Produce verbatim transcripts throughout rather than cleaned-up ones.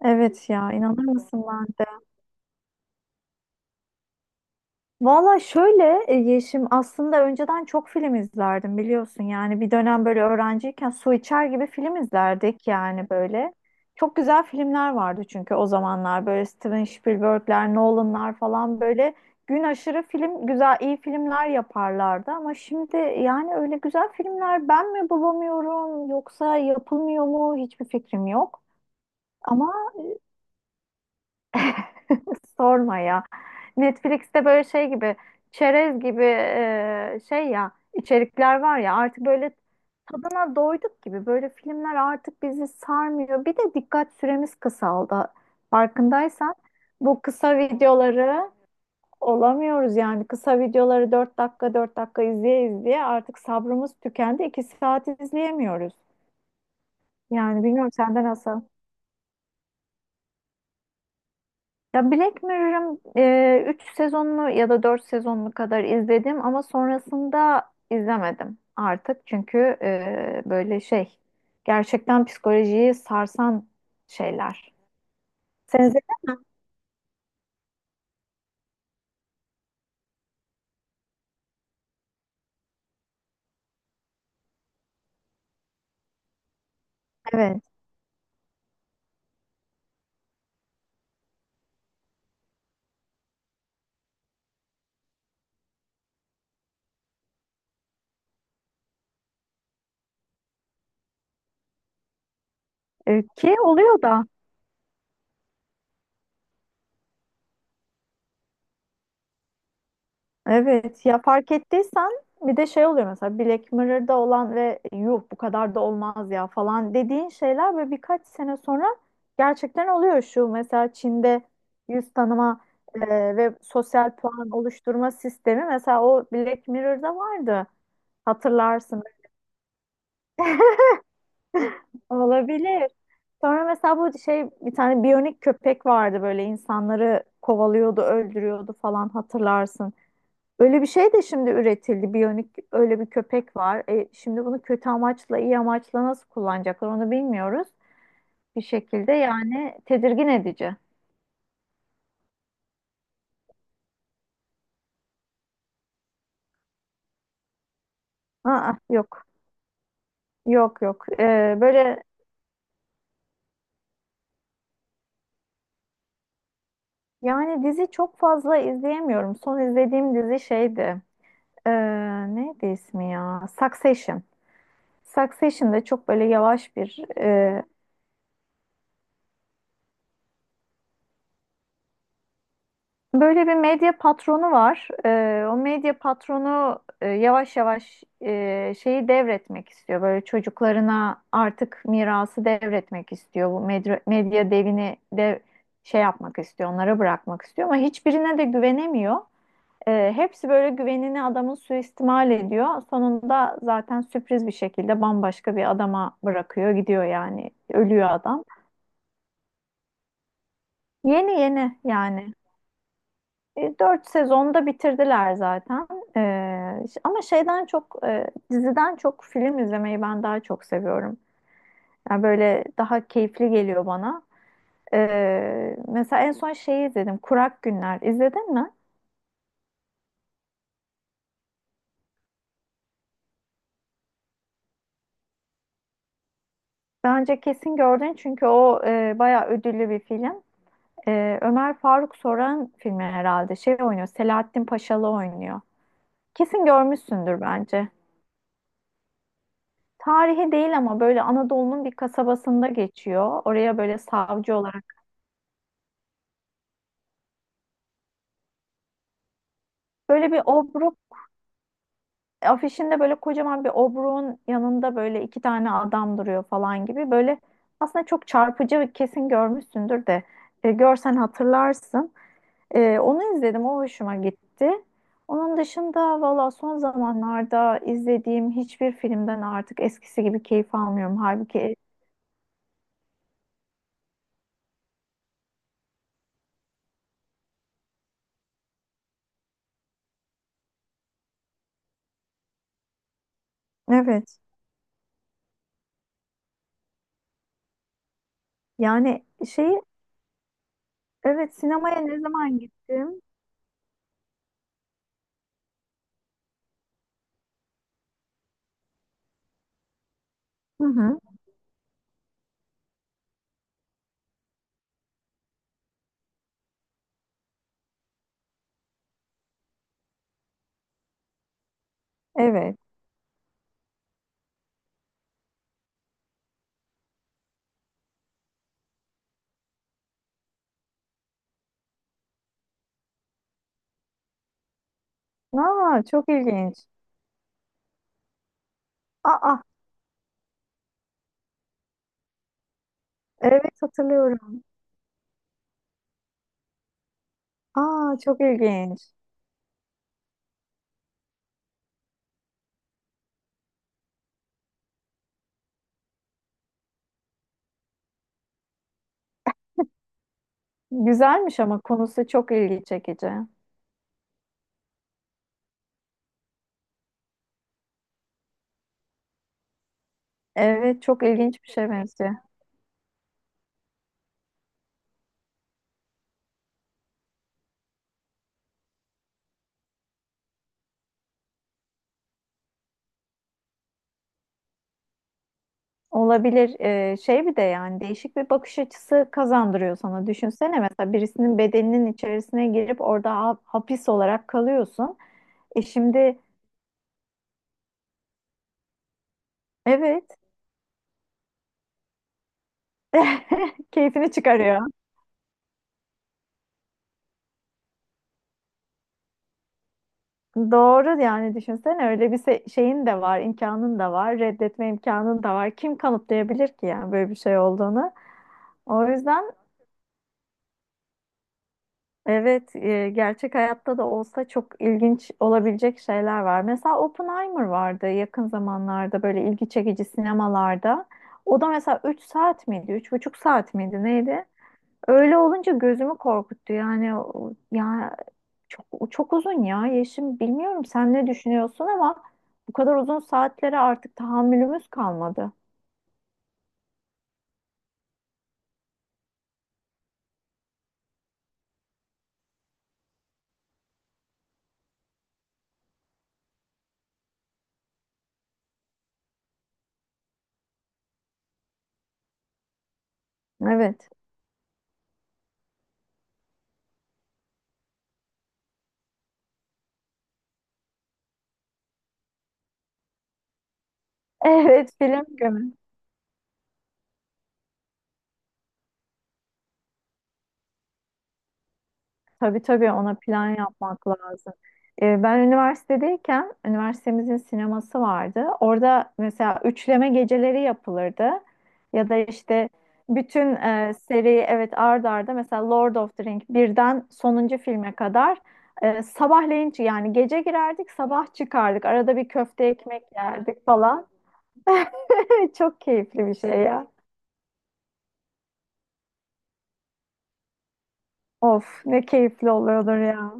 Evet ya, inanır mısın, ben de. Valla şöyle e, Yeşim, aslında önceden çok film izlerdim biliyorsun. Yani bir dönem böyle öğrenciyken su içer gibi film izlerdik yani böyle. Çok güzel filmler vardı çünkü o zamanlar böyle Steven Spielberg'ler, Nolan'lar falan böyle gün aşırı film, güzel iyi filmler yaparlardı. Ama şimdi yani öyle güzel filmler ben mi bulamıyorum yoksa yapılmıyor mu, hiçbir fikrim yok. Ama sorma ya. Netflix'te böyle şey gibi, çerez gibi e, şey ya, içerikler var ya artık, böyle tadına doyduk gibi. Böyle filmler artık bizi sarmıyor. Bir de dikkat süremiz kısaldı. Farkındaysan bu kısa videoları olamıyoruz yani. Kısa videoları dört dakika dört dakika izleye izleye artık sabrımız tükendi. iki saat izleyemiyoruz. Yani bilmiyorum, sende nasıl? Ya Black Mirror'ın e, üç sezonunu ya da dört sezonunu kadar izledim ama sonrasında izlemedim artık. Çünkü e, böyle şey, gerçekten psikolojiyi sarsan şeyler. Sen izledin mi? Evet. E, ki oluyor da. Evet ya, fark ettiysen bir de şey oluyor, mesela Black Mirror'da olan ve yuh, bu kadar da olmaz ya falan dediğin şeyler ve birkaç sene sonra gerçekten oluyor. Şu mesela, Çin'de yüz tanıma e, ve sosyal puan oluşturma sistemi, mesela o Black Mirror'da vardı, hatırlarsın. Olabilir. Sonra mesela bu şey, bir tane biyonik köpek vardı böyle, insanları kovalıyordu, öldürüyordu falan, hatırlarsın. Öyle bir şey de şimdi üretildi. Biyonik öyle bir köpek var. E, şimdi bunu kötü amaçla, iyi amaçla nasıl kullanacaklar, onu bilmiyoruz. Bir şekilde yani tedirgin edici. Aa, yok, yok, yok. E, böyle yani dizi çok fazla izleyemiyorum. Son izlediğim dizi şeydi. E, neydi ismi ya? Succession. Succession'da çok böyle yavaş bir e, böyle bir medya patronu var. Ee, o medya patronu e, yavaş yavaş e, şeyi devretmek istiyor. Böyle çocuklarına artık mirası devretmek istiyor. Bu medya, medya devini de şey yapmak istiyor, onlara bırakmak istiyor. Ama hiçbirine de güvenemiyor. Ee, hepsi böyle güvenini adamın suistimal ediyor. Sonunda zaten sürpriz bir şekilde bambaşka bir adama bırakıyor, gidiyor yani. Ölüyor adam. Yeni yeni yani. E, dört sezonda bitirdiler zaten. E, ş- ama şeyden çok e, diziden çok film izlemeyi ben daha çok seviyorum. Yani böyle daha keyifli geliyor bana. E, mesela en son şeyi izledim. Kurak Günler. İzledin mi? Bence kesin gördün çünkü o e, bayağı ödüllü bir film. E, Ömer Faruk Soran filmi herhalde. Şey oynuyor. Selahattin Paşalı oynuyor. Kesin görmüşsündür bence. Tarihi değil ama böyle Anadolu'nun bir kasabasında geçiyor. Oraya böyle savcı olarak. Böyle bir obruk afişinde böyle, kocaman bir obruğun yanında böyle iki tane adam duruyor falan gibi. Böyle aslında çok çarpıcı ve kesin görmüşsündür de, e, görsen hatırlarsın. E, onu izledim, o hoşuma gitti. Onun dışında valla son zamanlarda izlediğim hiçbir filmden artık eskisi gibi keyif almıyorum. Halbuki evet, yani şeyi, evet sinemaya ne zaman gittim? Hı hı. Evet. Aa, çok ilginç. Aa, evet hatırlıyorum. Aa, çok ilginç. Güzelmiş ama konusu çok ilgi çekici. Evet, çok ilginç bir şey benziyor. Olabilir. Ee, şey bir de, yani değişik bir bakış açısı kazandırıyor sana. Düşünsene mesela, birisinin bedeninin içerisine girip orada ha- hapis olarak kalıyorsun. E şimdi evet, keyfini çıkarıyor. Doğru yani, düşünsene, öyle bir se- şeyin de var, imkanın da var, reddetme imkanın da var. Kim kanıtlayabilir ki yani böyle bir şey olduğunu? O yüzden evet, e, gerçek hayatta da olsa çok ilginç olabilecek şeyler var. Mesela Oppenheimer vardı yakın zamanlarda, böyle ilgi çekici sinemalarda. O da mesela üç saat miydi, üç buçuk saat miydi, neydi? Öyle olunca gözümü korkuttu yani. o- ya, çok, o çok uzun ya Yeşim. Bilmiyorum sen ne düşünüyorsun ama bu kadar uzun saatlere artık tahammülümüz kalmadı. Evet. Evet, film günü. Tabii tabii, ona plan yapmak lazım. Ee, ben üniversitedeyken üniversitemizin sineması vardı. Orada mesela üçleme geceleri yapılırdı. Ya da işte bütün e, seri, evet ard arda, mesela Lord of the Ring birden sonuncu filme kadar, e, sabahleyin yani, gece girerdik, sabah çıkardık. Arada bir köfte ekmek yerdik falan. Çok keyifli bir şey ya. Of, ne keyifli oluyordur ya.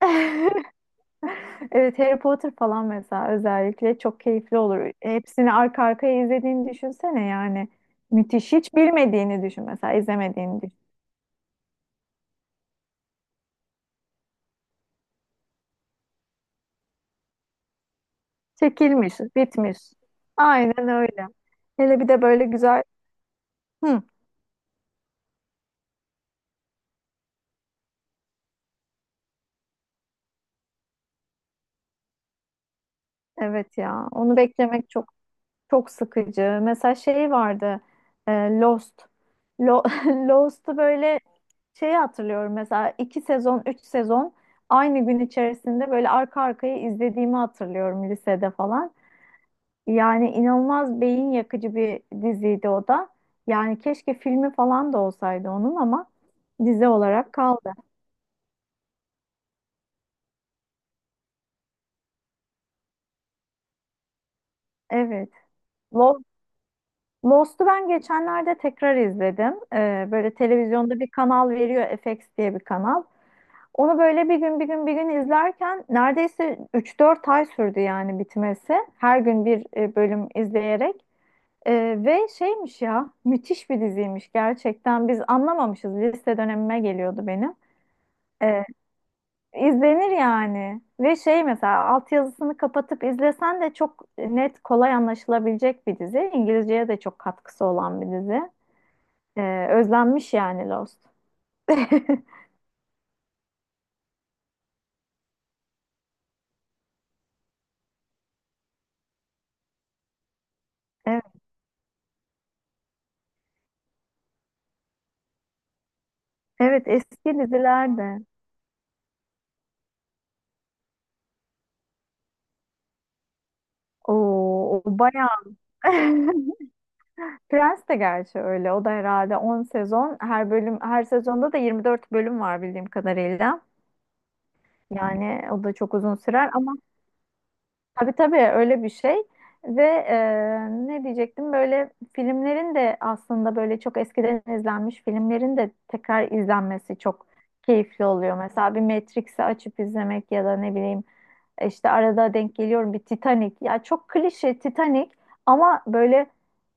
Evet, Harry Potter falan mesela özellikle çok keyifli olur. Hepsini arka arkaya izlediğini düşünsene yani. Müthiş. Hiç bilmediğini düşün mesela, izlemediğini düşün. Çekilmiş, bitmiş. Aynen öyle. Hele bir de böyle güzel. Hı, evet ya. Onu beklemek çok, çok sıkıcı. Mesela şey vardı, e, Lost. Lo Lost'u böyle, şeyi hatırlıyorum, mesela iki sezon, üç sezon aynı gün içerisinde böyle arka arkaya izlediğimi hatırlıyorum lisede falan. Yani inanılmaz beyin yakıcı bir diziydi o da. Yani keşke filmi falan da olsaydı onun, ama dizi olarak kaldı. Evet. Lo- Lost'u ben geçenlerde tekrar izledim. Ee, böyle televizyonda bir kanal veriyor, F X diye bir kanal. Onu böyle bir gün, bir gün, bir gün izlerken neredeyse üç dört ay sürdü yani bitmesi. Her gün bir e, bölüm izleyerek. Ee, ve şeymiş ya, müthiş bir diziymiş gerçekten. Biz anlamamışız. Lise dönemime geliyordu benim. Ee, İzlenir yani. Ve şey, mesela altyazısını kapatıp izlesen de çok net, kolay anlaşılabilecek bir dizi. İngilizceye de çok katkısı olan bir dizi. Ee, özlenmiş yani Lost. Evet, evet eski diziler de. Oo, o bayağı. Prens de gerçi öyle. O da herhalde on sezon. Her bölüm, her sezonda da yirmi dört bölüm var bildiğim kadarıyla. Yani o da çok uzun sürer ama. Tabii tabii, öyle bir şey ve e, ne diyecektim, böyle filmlerin de aslında, böyle çok eskiden izlenmiş filmlerin de tekrar izlenmesi çok keyifli oluyor. Mesela bir Matrix'i açıp izlemek, ya da ne bileyim, e, işte arada denk geliyorum bir Titanic. Ya çok klişe Titanic ama böyle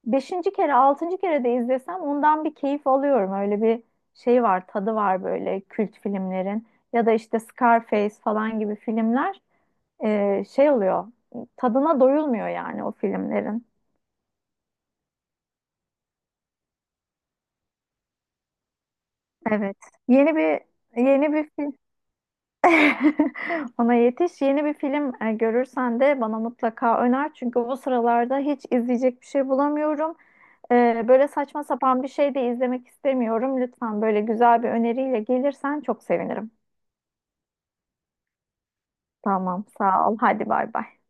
beşinci kere, altıncı kere de izlesem ondan bir keyif alıyorum. Öyle bir şey var, tadı var böyle kült filmlerin, ya da işte Scarface falan gibi filmler, e, şey oluyor. Tadına doyulmuyor yani o filmlerin. Evet. Yeni bir, yeni bir film ona yetiş. Yeni bir film e, görürsen de bana mutlaka öner. Çünkü bu sıralarda hiç izleyecek bir şey bulamıyorum. E, böyle saçma sapan bir şey de izlemek istemiyorum. Lütfen böyle güzel bir öneriyle gelirsen çok sevinirim. Tamam, sağ ol. Hadi bay bay.